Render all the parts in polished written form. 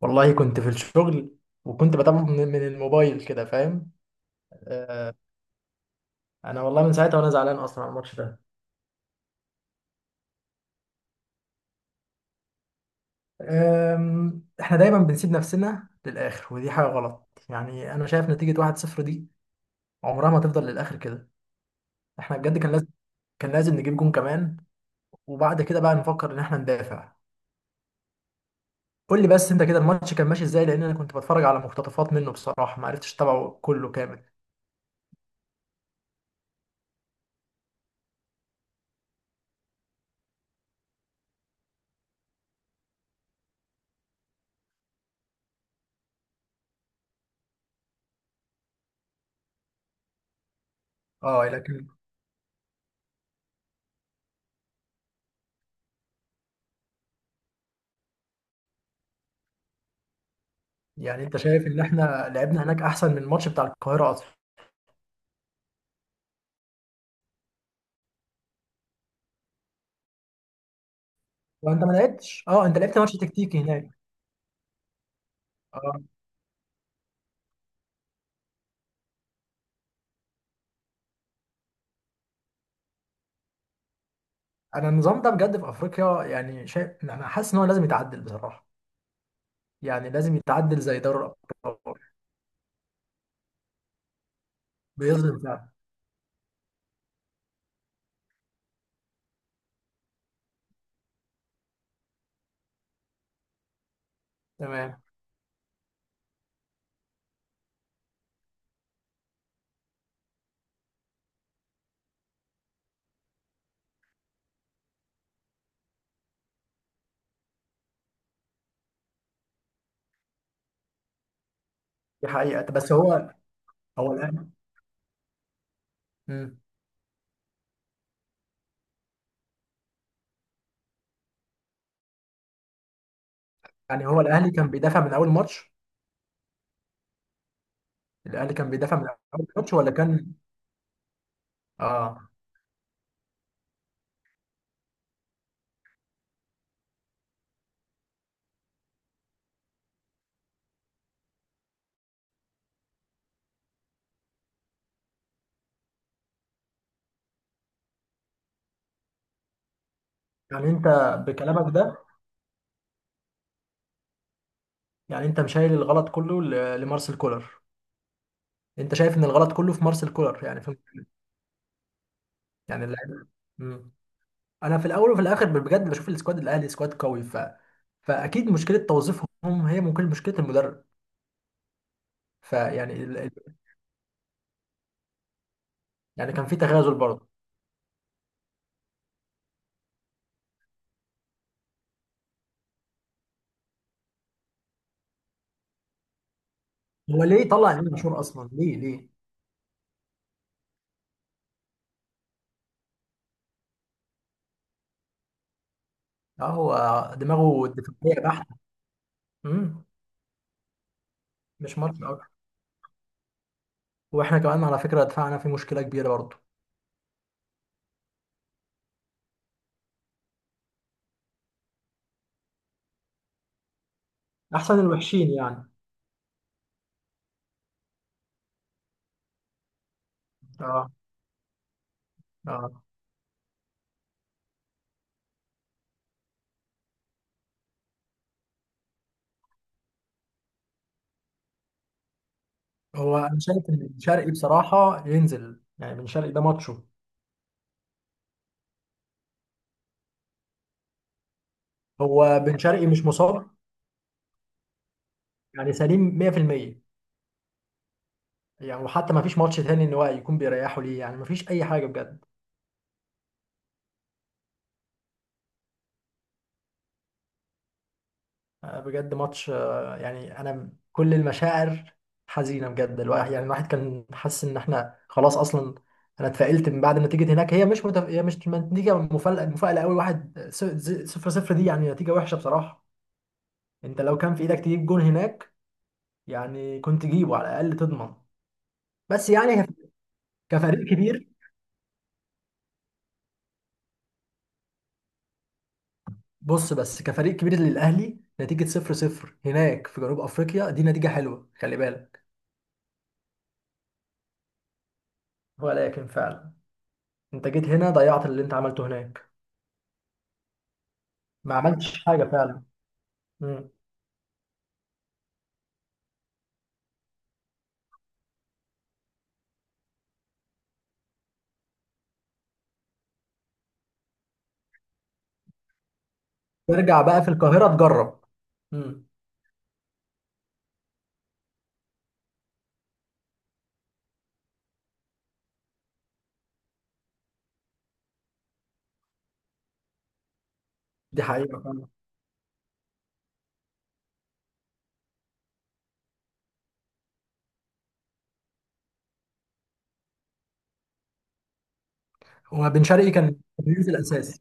والله كنت في الشغل، وكنت بتابعه من الموبايل، كده فاهم؟ آه، انا والله من ساعتها وانا زعلان اصلا على الماتش ده. احنا دايما بنسيب نفسنا للاخر، ودي حاجه غلط. يعني انا شايف نتيجه 1-0 دي عمرها ما تفضل للاخر كده. احنا بجد كان لازم نجيب جون كمان، وبعد كده بقى نفكر ان احنا ندافع. قول لي بس انت كده الماتش كان ماشي ازاي؟ لان انا كنت بتفرج على مقتطفات منه، بصراحه ما عرفتش اتابعه كله كامل. اه، لكن يعني انت شايف ان احنا لعبنا هناك احسن من الماتش بتاع القاهره اصلا؟ وانت ما لعبتش، اه، انت لعبت ماتش تكتيكي هناك. اه، انا النظام ده بجد في افريقيا يعني شايف، انا حاسس ان هو لازم يتعدل بصراحه، يعني لازم يتعدل زي دوري الابطال. بيظلم فعلا. تمام. دي حقيقه، بس هو الاهلي. مم. يعني هو الاهلي كان بيدافع من اول ماتش. الاهلي كان بيدافع من اول ماتش، ولا كان؟ اه، يعني انت بكلامك ده يعني انت مشايل الغلط كله لمارسيل كولر؟ انت شايف ان الغلط كله في مارسيل كولر، يعني في... يعني اللاعب. مم. انا في الاول وفي الاخر بجد بشوف السكواد الاهلي سكواد قوي، فاكيد مشكله توظيفهم، هي ممكن مشكله المدرب. فيعني يعني كان في تغازل برضه. هو ليه طلع امام عاشور اصلا؟ ليه ليه؟ اه، هو دماغه دفاعيه بحته. امم مش ماتش اكتر. واحنا كمان على فكره دفاعنا في مشكله كبيره برضه. احسن الوحشين يعني. اه، اه، هو انا شايف ان بن شرقي بصراحه ينزل، يعني بن شرقي ده ماتشه. هو بن شرقي مش مصاب؟ يعني سليم 100%؟ يعني وحتى ما فيش ماتش تاني ان هو يكون بيريحه ليه، يعني ما فيش اي حاجه بجد. آه، بجد ماتش، يعني انا كل المشاعر حزينه بجد. الواحد كان حاسس ان احنا خلاص اصلا. انا اتفائلت من بعد نتيجه هناك. هي مش نتيجه مفاجاه، مفاجاه قوي. صفر صفر دي يعني نتيجه وحشه بصراحه. انت لو كان في ايدك تجيب جون هناك، يعني كنت جيبه على الاقل تضمن، بس يعني كفريق كبير... بص، بس كفريق كبير للاهلي، نتيجه صفر صفر هناك في جنوب افريقيا دي نتيجه حلوه، خلي بالك. ولكن فعلا، انت جيت هنا ضيعت اللي انت عملته هناك، ما عملتش حاجه فعلا. مم. ترجع بقى في القاهره تجرب. مم. دي حقيقه فعلا. وبن شرقي كان بينزل اساسي.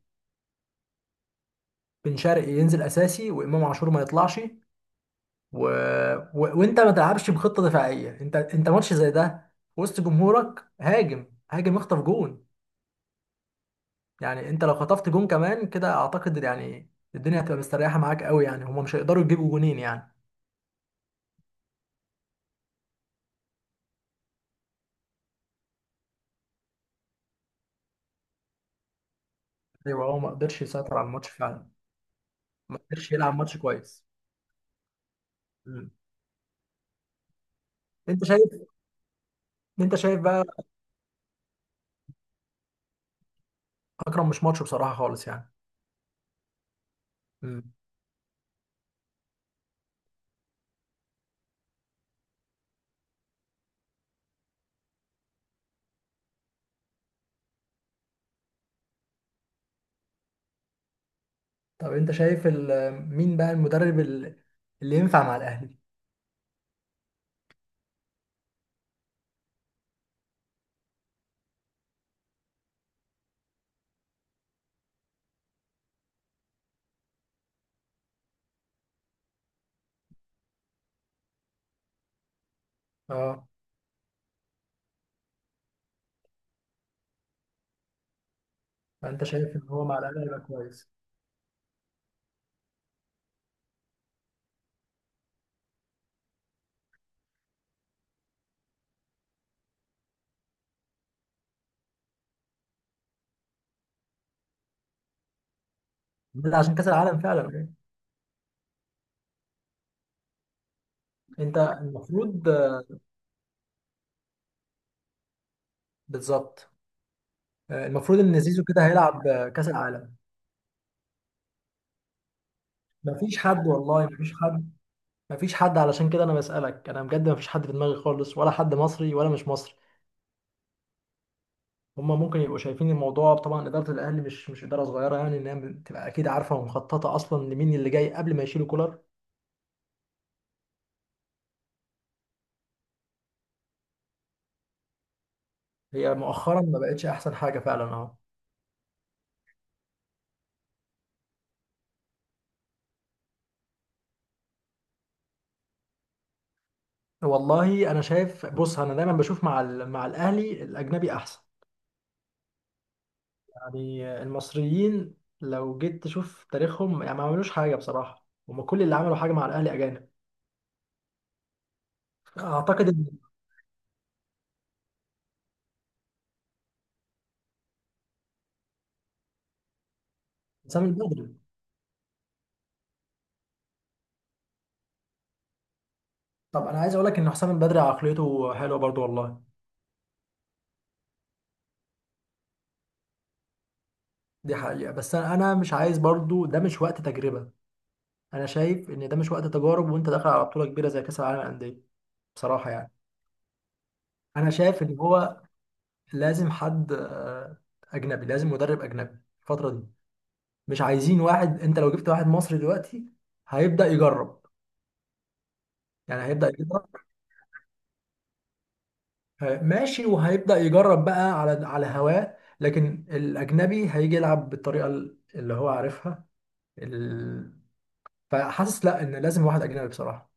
بن شرقي ينزل اساسي وامام عاشور ما يطلعش. و... وانت ما تلعبش بخطه دفاعيه، انت ماتش زي ده، وسط جمهورك، هاجم هاجم اخطف جون. يعني انت لو خطفت جون كمان كده، اعتقد يعني الدنيا هتبقى مستريحه معاك قوي، يعني هما مش هيقدروا يجيبوا جونين يعني. ايوه، هو ما قدرش يسيطر على الماتش فعلا، ما قدرش يلعب ماتش كويس. مم. انت شايف انت شايف بقى، اكرم مش ماتش بصراحه خالص يعني. مم. طب انت شايف مين بقى المدرب اللي ينفع مع الاهلي؟ اه. فانت شايف ان هو مع الاهلي هيبقى كويس؟ ده عشان كاس العالم فعلا. انت المفروض بالظبط. المفروض ان زيزو كده هيلعب كاس العالم. مفيش حد والله، مفيش حد، مفيش حد، علشان كده انا بسالك، انا بجد مفيش حد في دماغي خالص، ولا حد مصري ولا مش مصري. هما ممكن يبقوا شايفين الموضوع، طبعا اداره الاهلي مش اداره صغيره، يعني ان هي بتبقى اكيد عارفه ومخططه اصلا لمين اللي جاي قبل ما يشيلوا كولر. هي مؤخرا ما بقتش احسن حاجه فعلا اهو. والله انا شايف، بص، انا دايما بشوف مع مع الاهلي الاجنبي احسن، يعني المصريين لو جيت تشوف تاريخهم يعني ما عملوش حاجه بصراحه، هما كل اللي عملوا حاجه مع الاهلي اجانب. اعتقد ان حسام البدري... طب انا عايز اقول لك ان حسام البدري عقليته حلوه برضو والله. دي حقيقه، بس انا مش عايز برضو، ده مش وقت تجربه. انا شايف ان ده مش وقت تجارب، وانت داخل على بطوله كبيره زي كاس العالم للانديه. بصراحه يعني، انا شايف ان هو لازم حد اجنبي، لازم مدرب اجنبي الفتره دي. مش عايزين واحد، انت لو جبت واحد مصري دلوقتي هيبدا يجرب، يعني هيبدا يجرب، ماشي، وهيبدا يجرب بقى على هواه، لكن الاجنبي هيجي يلعب بالطريقه اللي هو عارفها. ال... فحاسس لا ان لازم واحد اجنبي بصراحه.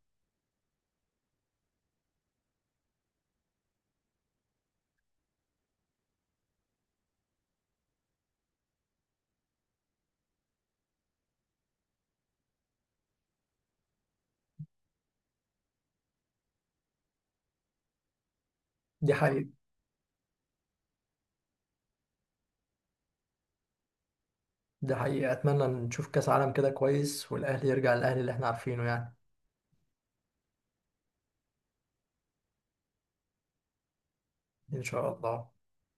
دي حقيقه. دي حقيقه، اتمنى نشوف كاس عالم كده كويس، والاهلي يرجع للاهلي اللي احنا عارفينه يعني. ان شاء الله.